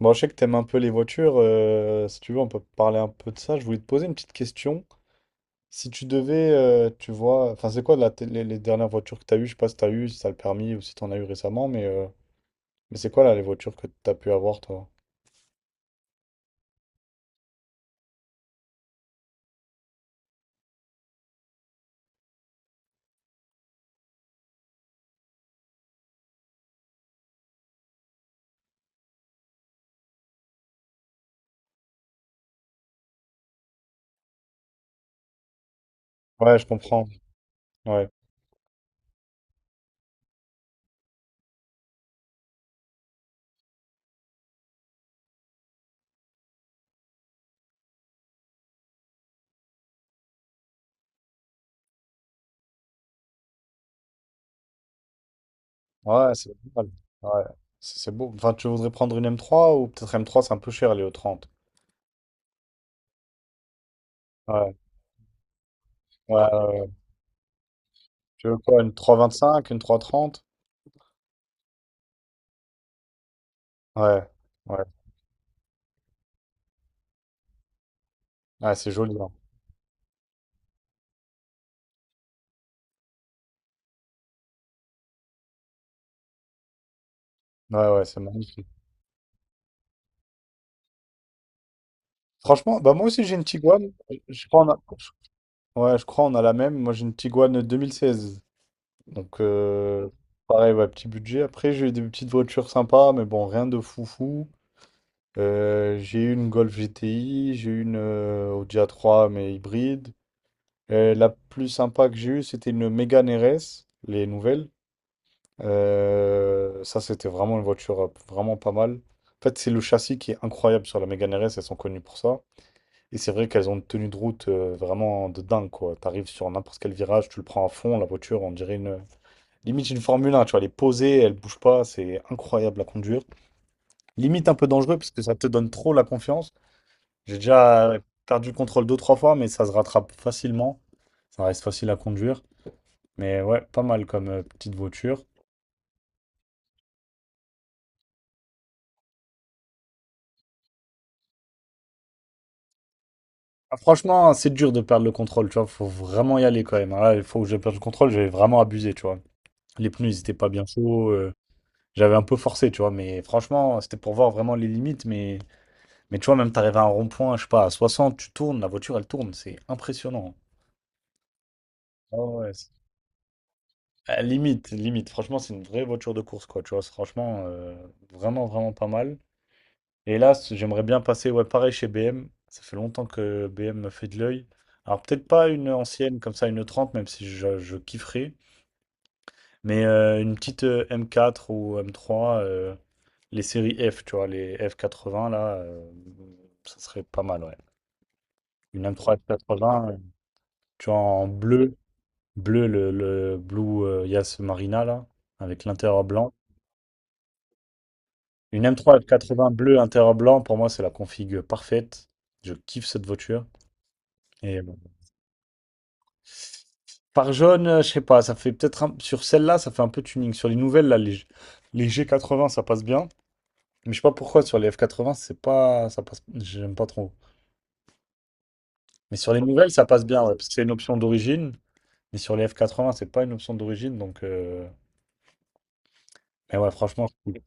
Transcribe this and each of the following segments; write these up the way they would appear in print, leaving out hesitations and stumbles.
Bon, je sais que t'aimes un peu les voitures. Si tu veux, on peut parler un peu de ça. Je voulais te poser une petite question. Si tu devais, tu vois, enfin, c'est quoi là, les dernières voitures que t'as eues? Je sais pas si t'as eu, si t'as le permis ou si t'en as eu récemment, mais c'est quoi là les voitures que t'as pu avoir, toi? Ouais, je comprends. Ouais. Ouais, c'est pas mal. Ouais. C'est beau. Enfin, tu voudrais prendre une m trois ou peut-être m trois c'est un peu cher, les e trente. Ouais. Ouais, ouais, ouais. Tu veux quoi, une trois vingt cinq, une trois cent trente? Ouais. Ouais. Ouais, c'est joli, hein. Ouais, ouais, c'est magnifique. Franchement, bah moi aussi j'ai une Tiguan. Je crois on a... Ouais, je crois on a la même. Moi j'ai une Tiguan 2016. Donc pareil, ouais, petit budget. Après j'ai eu des petites voitures sympas, mais bon, rien de foufou. J'ai eu une Golf GTI, j'ai eu une Audi a trois mais hybride. La plus sympa que j'ai eue, c'était une Mégane RS, les nouvelles. Ça c'était vraiment une voiture vraiment pas mal. En fait, c'est le châssis qui est incroyable sur la Mégane RS, elles sont connues pour ça. Et c'est vrai qu'elles ont une tenue de route vraiment de dingue, quoi. T'arrives sur n'importe quel virage, tu le prends à fond, la voiture, on dirait une... Limite une Formule 1, tu vois, elle est posée, elle bouge pas, c'est incroyable à conduire. Limite un peu dangereux parce que ça te donne trop la confiance. J'ai déjà perdu le contrôle deux, trois fois, mais ça se rattrape facilement. Ça reste facile à conduire. Mais ouais, pas mal comme petite voiture. Ah, franchement, c'est dur de perdre le contrôle, tu vois, faut vraiment y aller quand même, hein. Là, il faut que je perde le contrôle, j'ai vraiment abusé, tu vois. Les pneus, ils étaient pas bien chauds. J'avais un peu forcé, tu vois, mais franchement, c'était pour voir vraiment les limites. Mais tu vois, même t'arrives à un rond-point, je sais pas, à 60, tu tournes, la voiture, elle tourne, c'est impressionnant. Ah ouais, Ah, limite, limite, franchement, c'est une vraie voiture de course, quoi, tu vois, c'est franchement, vraiment, vraiment pas mal. Et là, j'aimerais bien passer, ouais, pareil chez BM, ça fait longtemps que BM me fait de l'œil. Alors, peut-être pas une ancienne comme ça, une 30, même si je kifferais, mais une petite M4 ou M3, les séries F, tu vois, les F80, là, ça serait pas mal, ouais. Une M3 F80, tu vois, en bleu, le Blue Yas Marina, là, avec l'intérieur blanc. Une M3 F80 bleu, intérieur blanc, pour moi, c'est la config parfaite. Je kiffe cette voiture. Et bon. Par jaune, je sais pas, ça fait peut-être sur celle-là, ça fait un peu tuning. Sur les nouvelles, là, les G80, ça passe bien. Mais je sais pas pourquoi sur les F80, c'est pas, ça passe, j'aime pas trop. Mais sur les nouvelles, ça passe bien, ouais, parce que c'est une option d'origine. Mais sur les F80, c'est pas une option d'origine, donc. Mais ouais, franchement, c'est cool.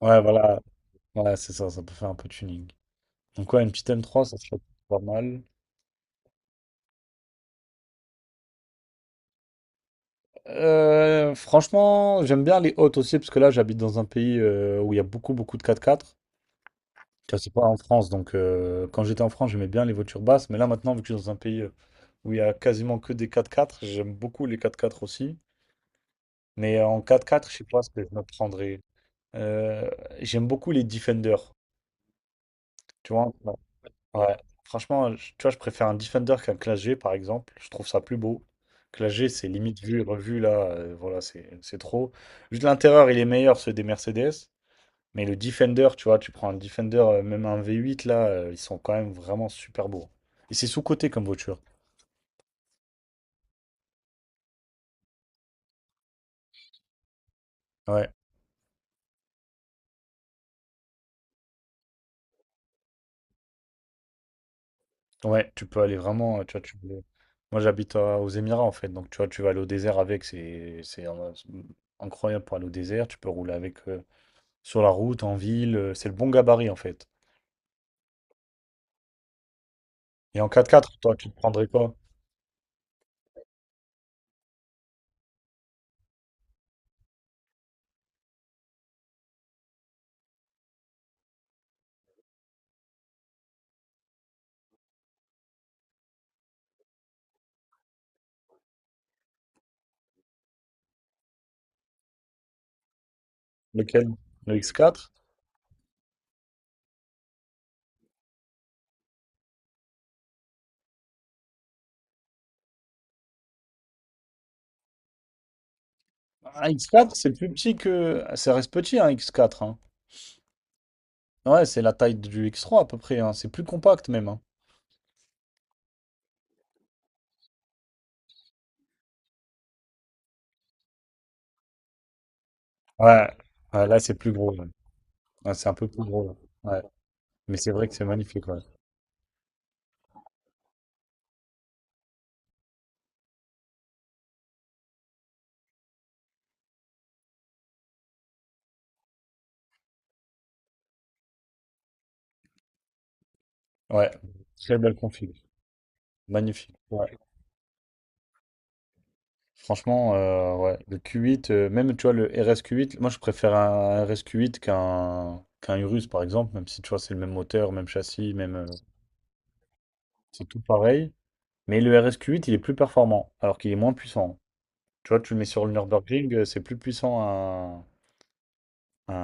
Ouais, voilà, voilà c'est ça, ça peut faire un peu de tuning. Donc ouais, une petite M3, ça serait pas mal. Franchement, j'aime bien les hautes aussi, parce que là, j'habite dans un pays où il y a beaucoup, beaucoup de 4x4. Tu vois, c'est pas en France, donc quand j'étais en France, j'aimais bien les voitures basses, mais là maintenant, vu que je suis dans un pays où il y a quasiment que des 4x4, j'aime beaucoup les 4x4 aussi. Mais en quatre quatre je sais pas ce que je me prendrais. Euh, J'aime beaucoup les defenders. Tu vois, ouais. Ouais. Franchement, tu vois, je préfère un defender qu'un classe G, par exemple. Je trouve ça plus beau. Classe G, c'est limite vu et revu, là. Voilà, c'est trop. Juste l'intérieur, il est meilleur, ceux des Mercedes. Mais le defender, tu vois, tu prends un defender, même un V8, là, ils sont quand même vraiment super beaux. Et c'est sous-coté comme voiture. Ouais. Ouais, tu peux aller vraiment, tu vois, tu Moi, j'habite aux Émirats, en fait. Donc, tu vois, tu vas aller au désert avec. C'est incroyable pour aller au désert. Tu peux rouler avec sur la route, en ville. C'est le bon gabarit, en fait. Et en quatre-quatre, toi, tu te prendrais quoi? Lequel? Le X4? Un X4, c'est plus petit que... Ça reste petit, un X4, ouais, c'est la taille du X3 à peu près, hein. C'est plus compact même, hein. Ouais, ouais, là c'est plus gros, ouais. Ouais, c'est un peu plus gros, là. Ouais. Mais c'est vrai que c'est magnifique, ouais. Ouais, très belle config. Magnifique. Ouais. Franchement, ouais. Le Q8, même tu vois, le RSQ8, moi je préfère un RSQ8 qu'un Urus par exemple, même si tu vois, c'est le même moteur, même châssis, même. C'est tout pareil. Mais le RSQ8, il est plus performant, alors qu'il est moins puissant. Tu vois, tu le mets sur le Nürburgring, c'est plus puissant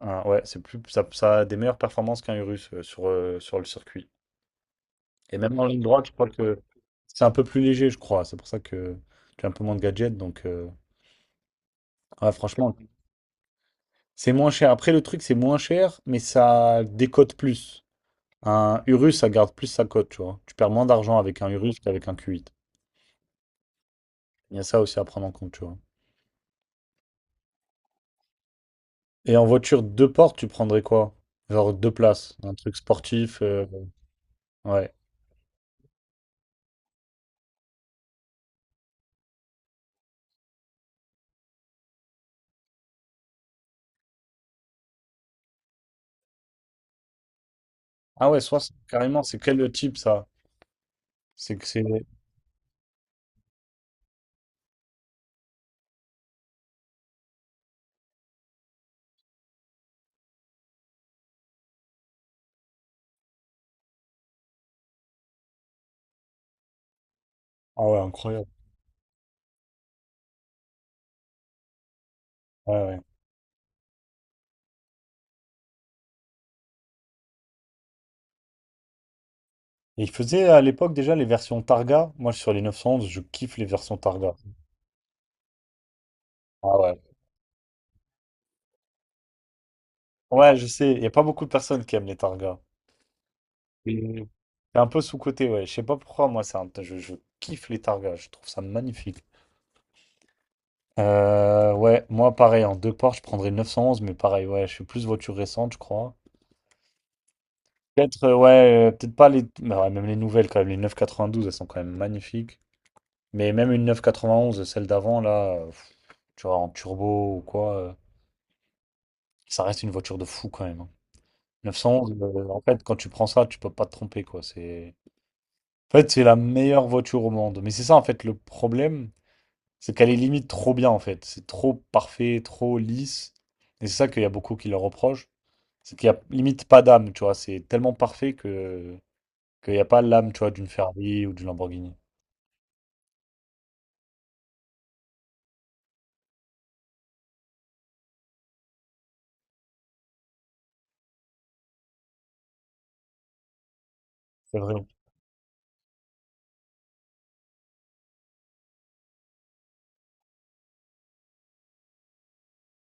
un Ah ouais, c'est plus, ça a des meilleures performances qu'un Urus sur le circuit. Et même en ligne droite, je crois que c'est un peu plus léger, je crois. C'est pour ça que tu as un peu moins de gadgets. Donc, ouais, franchement, c'est moins cher. Après, le truc, c'est moins cher, mais ça décote plus. Un Urus, ça garde plus sa cote, tu vois. Tu perds moins d'argent avec un Urus qu'avec un Q8. Il y a ça aussi à prendre en compte, tu vois. Et en voiture deux portes, tu prendrais quoi? Genre deux places, un truc sportif. Ouais. Ah ouais, 60 carrément, c'est quel type ça? C'est que c'est. Ah ouais, incroyable. Ouais, ouais. Et il faisait à l'époque déjà les versions Targa. Moi, sur les 911, je kiffe les versions Targa. Ah ouais. Ouais, je sais. Il n'y a pas beaucoup de personnes qui aiment les Targa. Mm. C'est un peu sous-coté, ouais. Je sais pas pourquoi, moi, c'est un... je kiffe les Targa. Je trouve ça magnifique. Ouais, moi, pareil, en deux parts, je prendrais 911, mais pareil, ouais, je suis plus voiture récente, je crois. Peut-être, ouais, peut-être pas les. Mais ouais, même les nouvelles, quand même. Les 992, elles sont quand même magnifiques. Mais même une 991, celle d'avant, là, pff, tu vois, en turbo ou quoi. Ça reste une voiture de fou quand même, hein. 911, en fait, quand tu prends ça, tu peux pas te tromper, quoi. C'est... En fait, c'est la meilleure voiture au monde. Mais c'est ça, en fait, le problème, c'est qu'elle est limite trop bien, en fait. C'est trop parfait, trop lisse. Et c'est ça qu'il y a beaucoup qui leur reprochent. C'est qu'il y a limite pas d'âme, tu vois. C'est tellement parfait que qu'il n'y a pas l'âme, tu vois, d'une Ferrari ou d'une Lamborghini. C'est vrai.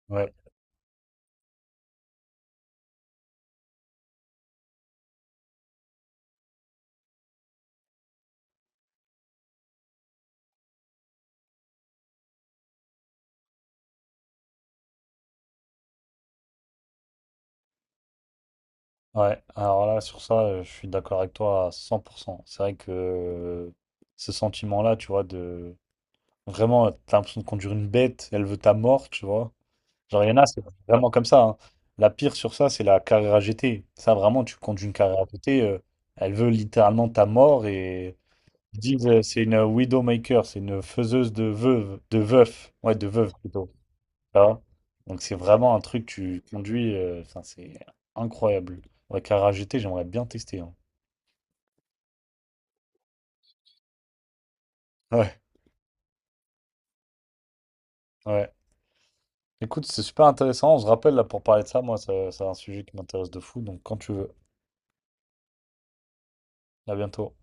Ouais. Ouais. Alors là, sur ça, je suis d'accord avec toi à 100%. C'est vrai que ce sentiment-là, tu vois, de vraiment, t'as l'impression de conduire une bête, elle veut ta mort, tu vois. Genre, il y en a, c'est vraiment comme ça, hein. La pire sur ça, c'est la carrière GT. Ça, vraiment, tu conduis une carrière GT, elle veut littéralement ta mort et ils disent c'est une widowmaker, c'est une faiseuse de veuve, de veuf. Ouais, de veuve plutôt, tu vois. Donc, c'est vraiment un truc, tu conduis, enfin, c'est incroyable. La carrière GT, j'aimerais bien tester, hein. Ouais, ouais. Écoute, c'est super intéressant. On se rappelle là pour parler de ça. Moi, c'est un sujet qui m'intéresse de fou. Donc, quand tu veux. À bientôt.